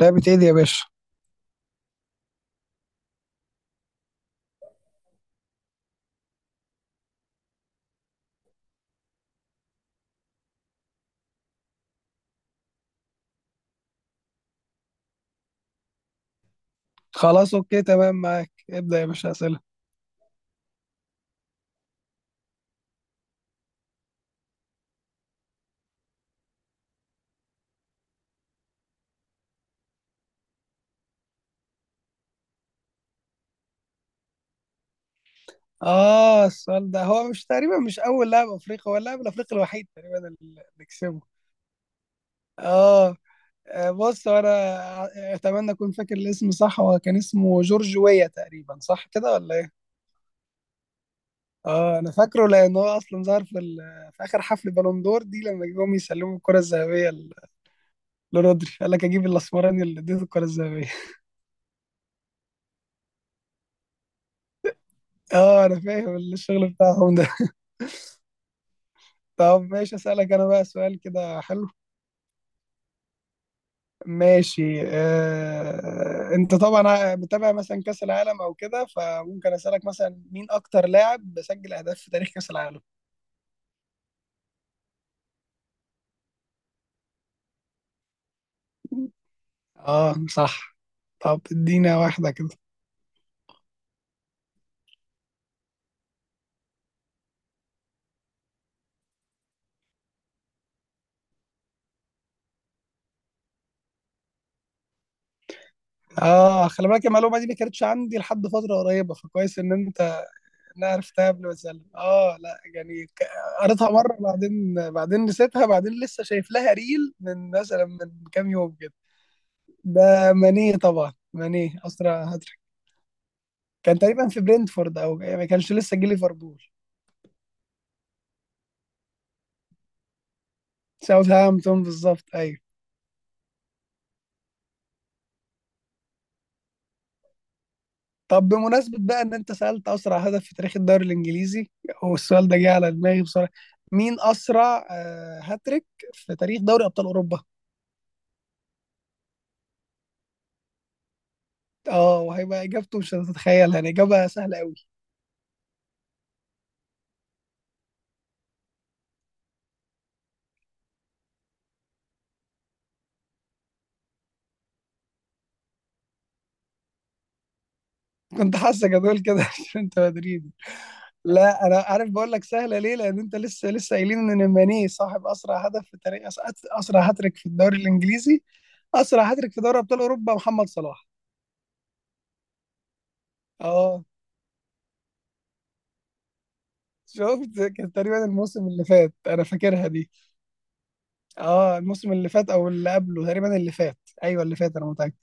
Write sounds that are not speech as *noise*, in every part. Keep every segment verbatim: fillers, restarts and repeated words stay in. لعبة ايه دي يا باشا؟ خلاص، اوكي تمام، معاك ابدأ يا باشا اسئلة. اه، السؤال ده هو مش تقريبا مش اول لاعب افريقي، هو اللاعب الافريقي الوحيد تقريبا اللي كسبه. اه، آه، بص، هو انا اتمنى اكون فاكر الاسم صح. هو كان اسمه جورج ويا، تقريبا صح كده ولا ايه؟ اه، انا فاكره لان هو اصلا ظهر في ال- في اخر حفل بالون دور دي لما جم يسلموا الكرة الذهبية ل- لرودري. قال لك اجيب الاسمراني اللي اديته الكرة الذهبية. *laughs* اه، انا فاهم الشغل بتاعهم ده. *laughs* طب ماشي، اسالك انا بقى سؤال كده حلو. ماشي. آه، انت طبعا متابع مثلا كاس العالم او كده، فممكن اسالك مثلا مين اكتر لاعب سجل اهداف في تاريخ كاس العالم؟ اه صح. طب ادينا واحده كده. اه، خلي بالك المعلومه دي ما كانتش عندي لحد فتره قريبه، فكويس ان انت إن أنا عرفتها قبل ما اسالك. اه لا يعني ك- قريتها مره بعدين، بعدين نسيتها، بعدين لسه شايف لها ريل من مثلا من كام يوم كده. ده ماني طبعا، ماني اسرع. كان تقريبا في برينتفورد، او ما كانش لسه جه ليفربول. ساوثهامبتون بالظبط، ايوه. طب بمناسبة بقى ان انت سألت اسرع هدف في تاريخ الدوري الانجليزي، والسؤال ده جه على دماغي بصراحة. مين اسرع آه، هاتريك في تاريخ دوري ابطال اوروبا؟ اه، وهيبقى اجابته مش هتتخيل، يعني اجابة سهلة قوي. كنت حاسك هتقول كده *laughs* عشان انت مدريدي. لا، انا عارف، بقول لك سهلة ليه لان انت لسه لسه قايلين ان ماني صاحب اسرع هدف في تاريخ أس- اسرع هاتريك في الدوري الانجليزي. اسرع هاتريك في دوري ابطال اوروبا محمد صلاح. اه شفت، كان تقريبا الموسم اللي فات، انا فاكرها دي. اه الموسم اللي فات او اللي قبله، تقريبا اللي فات. ايوه اللي فات، انا متاكد.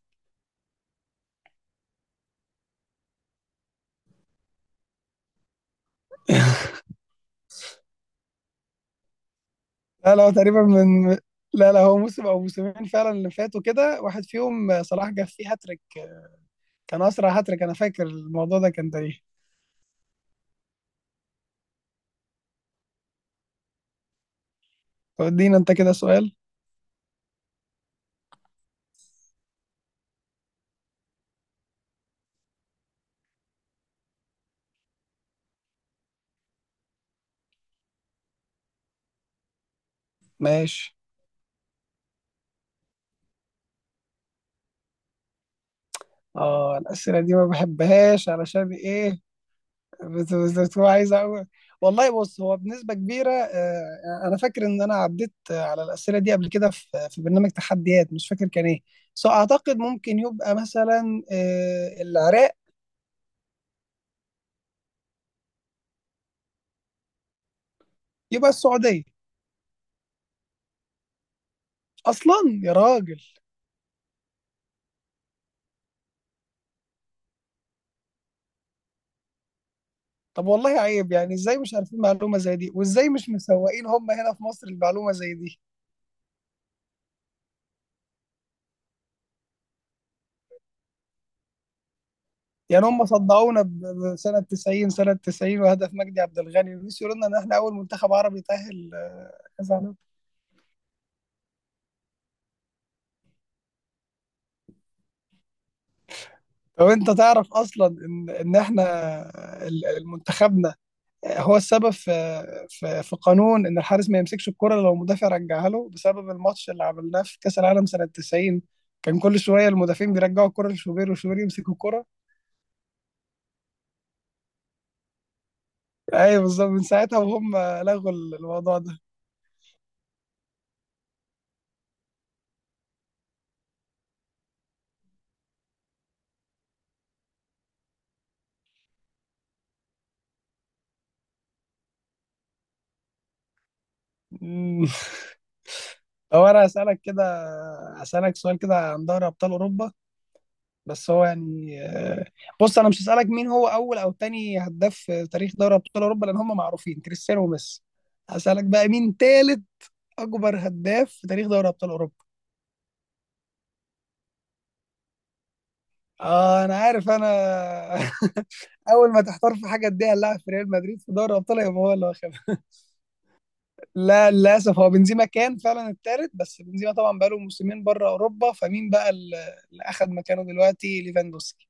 *laughs* لا لا، هو تقريبا من لا لا، هو موسم او موسمين فعلا اللي فاتوا كده، واحد فيهم صلاح جاب فيه هاتريك. كان اسرع هاتريك، انا فاكر الموضوع ده كان تاريخي. طب ادينا انت كده سؤال. ماشي. اه، الاسئله دي ما بحبهاش، علشان ايه؟ بس بس بس هو عايز أقول. والله بص، هو بنسبة كبيرة آه، أنا فاكر إن أنا عديت آه، على الأسئلة دي قبل كده في في برنامج تحديات مش فاكر كان إيه. بس أعتقد ممكن يبقى مثلا آه، العراق. يبقى السعودية. أصلا، يا راجل. طب والله عيب، يعني إزاي مش عارفين معلومة زي دي، وإزاي مش مسوقين هم هنا في مصر المعلومة زي دي؟ يعني هم صدعونا ب- بسنة تسعين، سنة تسعين وهدف مجدي عبد الغني، ونسيوا يقولوا لنا إن إحنا أول منتخب عربي تأهل كذا. طب انت تعرف اصلا ان ان احنا ال- المنتخبنا هو السبب في في, في قانون ان الحارس ما يمسكش الكرة لو المدافع رجعها له، بسبب الماتش اللي عملناه في كاس العالم سنة تسعين. كان كل شوية المدافعين بيرجعوا الكرة لشوبير، وشوبير يمسك الكرة. ايوه بالظبط، من ساعتها وهم لغوا الموضوع ده. مم. *laughs* طب انا هسألك كده، هسألك سؤال كده عن دوري ابطال اوروبا. بس هو يعني آه، بص، انا مش هسألك مين هو اول او تاني هداف في تاريخ دوري ابطال اوروبا لان هم معروفين كريستيانو وميسي. هسألك بقى مين تالت اكبر هداف في تاريخ دوري ابطال اوروبا؟ اه، انا عارف انا. *laughs* اول ما تحتار في حاجه اديها اللاعب في ريال مدريد في دوري الابطال، يبقى هو اللي واخدها. *laughs* لا للاسف، هو بنزيما كان فعلا التالت، بس بنزيما طبعا بقاله موسمين بره اوروبا، فمين بقى اللي اللي اخد مكانه دلوقتي؟ ليفاندوسكي.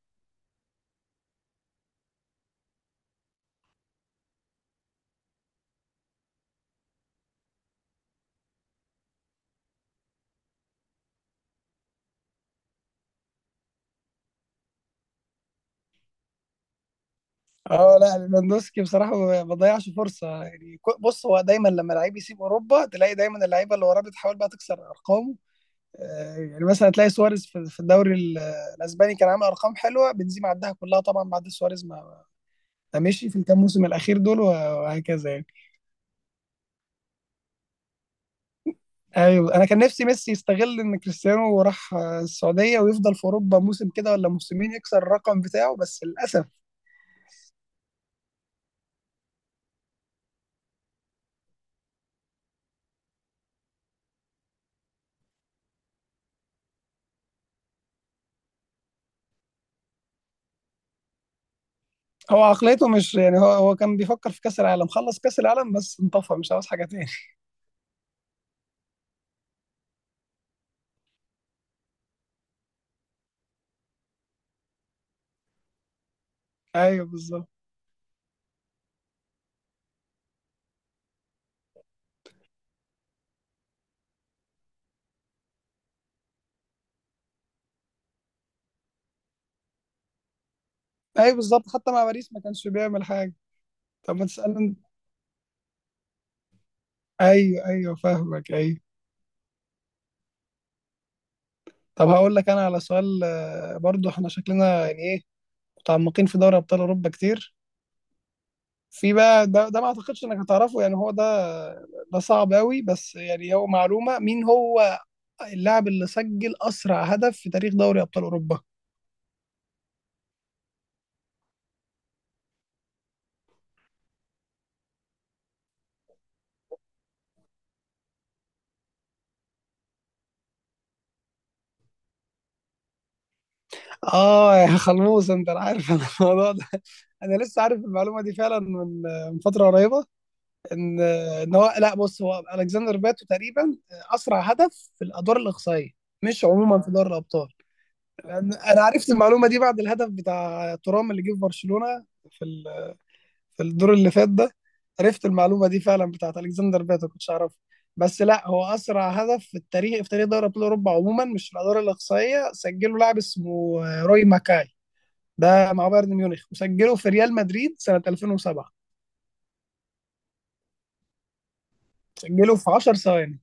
اه لا، ليفاندوسكي بصراحه ما بيضيعش فرصه، يعني كو- بص، هو دايما لما لعيب يسيب اوروبا، تلاقي دايما اللعيبه اللي وراه بتحاول بقى تكسر ارقامه. آه، يعني مثلا تلاقي سواريز في في الدوري ال- الاسباني كان عامل ارقام حلوه، بنزيما عدها كلها طبعا بعد سواريز، ما ما مشي في الكام موسم الاخير دول وهكذا يعني. ايوه، انا كان نفسي ميسي يستغل ان كريستيانو راح آه، السعوديه، ويفضل في اوروبا موسم كده ولا موسمين يكسر الرقم بتاعه، بس للاسف. هو عقليته مش يعني، هو هو كان بيفكر في كاس العالم. خلص كاس العالم بس، انطفى مش عاوز حاجه تاني. ايوه بالظبط. ايوه بالظبط، حتى مع باريس ما كانش بيعمل حاجه. طب ما تسالني انت. ايوه، ايوه فاهمك، ايوه. طب هقول لك انا على سؤال آه، برضو احنا شكلنا يعني ايه، متعمقين في دوري ابطال اوروبا كتير. في بقى ده, ده ما اعتقدش انك هتعرفه، يعني هو ده، ده صعب قوي، بس يعني هو معلومه. مين هو اللاعب اللي سجل اسرع هدف في تاريخ دوري ابطال اوروبا؟ اه يا خلموس، انت عارف أنا الموضوع ده. انا لسه عارف المعلومه دي فعلا من آه، من فتره قريبه. ان ان هو لا، بص، هو الكسندر باتو تقريبا اسرع هدف في الادوار الاقصائيه، مش عموما في دوري الابطال. انا أنا عرفت المعلومه دي بعد الهدف بتاع ترام اللي جه في برشلونه في ال- في الدور اللي فات ده. عرفت المعلومه دي فعلا، بتاعت الكسندر باتو كنتش اعرفها. بس لا، هو اسرع هدف في التاريخ في تاريخ دوري ابطال اوروبا عموما، مش في الادوار الاقصائيه، سجله لاعب اسمه روي ماكاي. ده مع بايرن ميونخ، وسجله في ريال مدريد سنه ألفين وسبعه. سجله في 10 ثواني.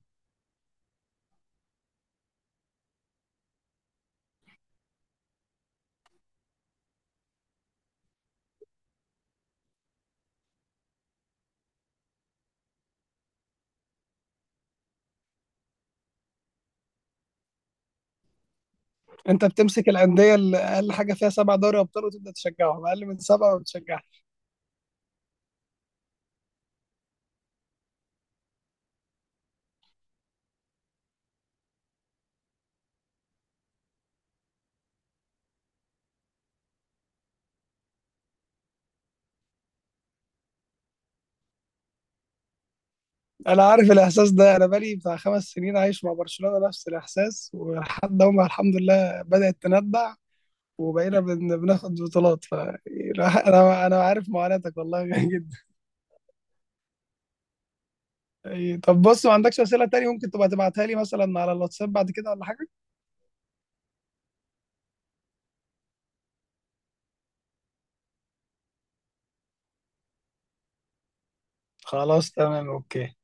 انت بتمسك الانديه اللي اقل حاجه فيها سبع دوري ابطال وتبدا تشجعهم، اقل من سبعه ما بتشجعش. انا عارف الاحساس ده، انا بقالي بتاع خمس سنين عايش مع برشلونه نفس الاحساس، ولحد هم الحمد لله بدات تندع، وبقينا بن... بناخد بطولات ف انا انا عارف معاناتك والله *laughs* جدا. ايه، طب بص، ما عندكش اسئله تاني ممكن تبقى تبعتها لي مثلا على الواتساب بعد كده ولا حاجه؟ خلاص تمام اوكي.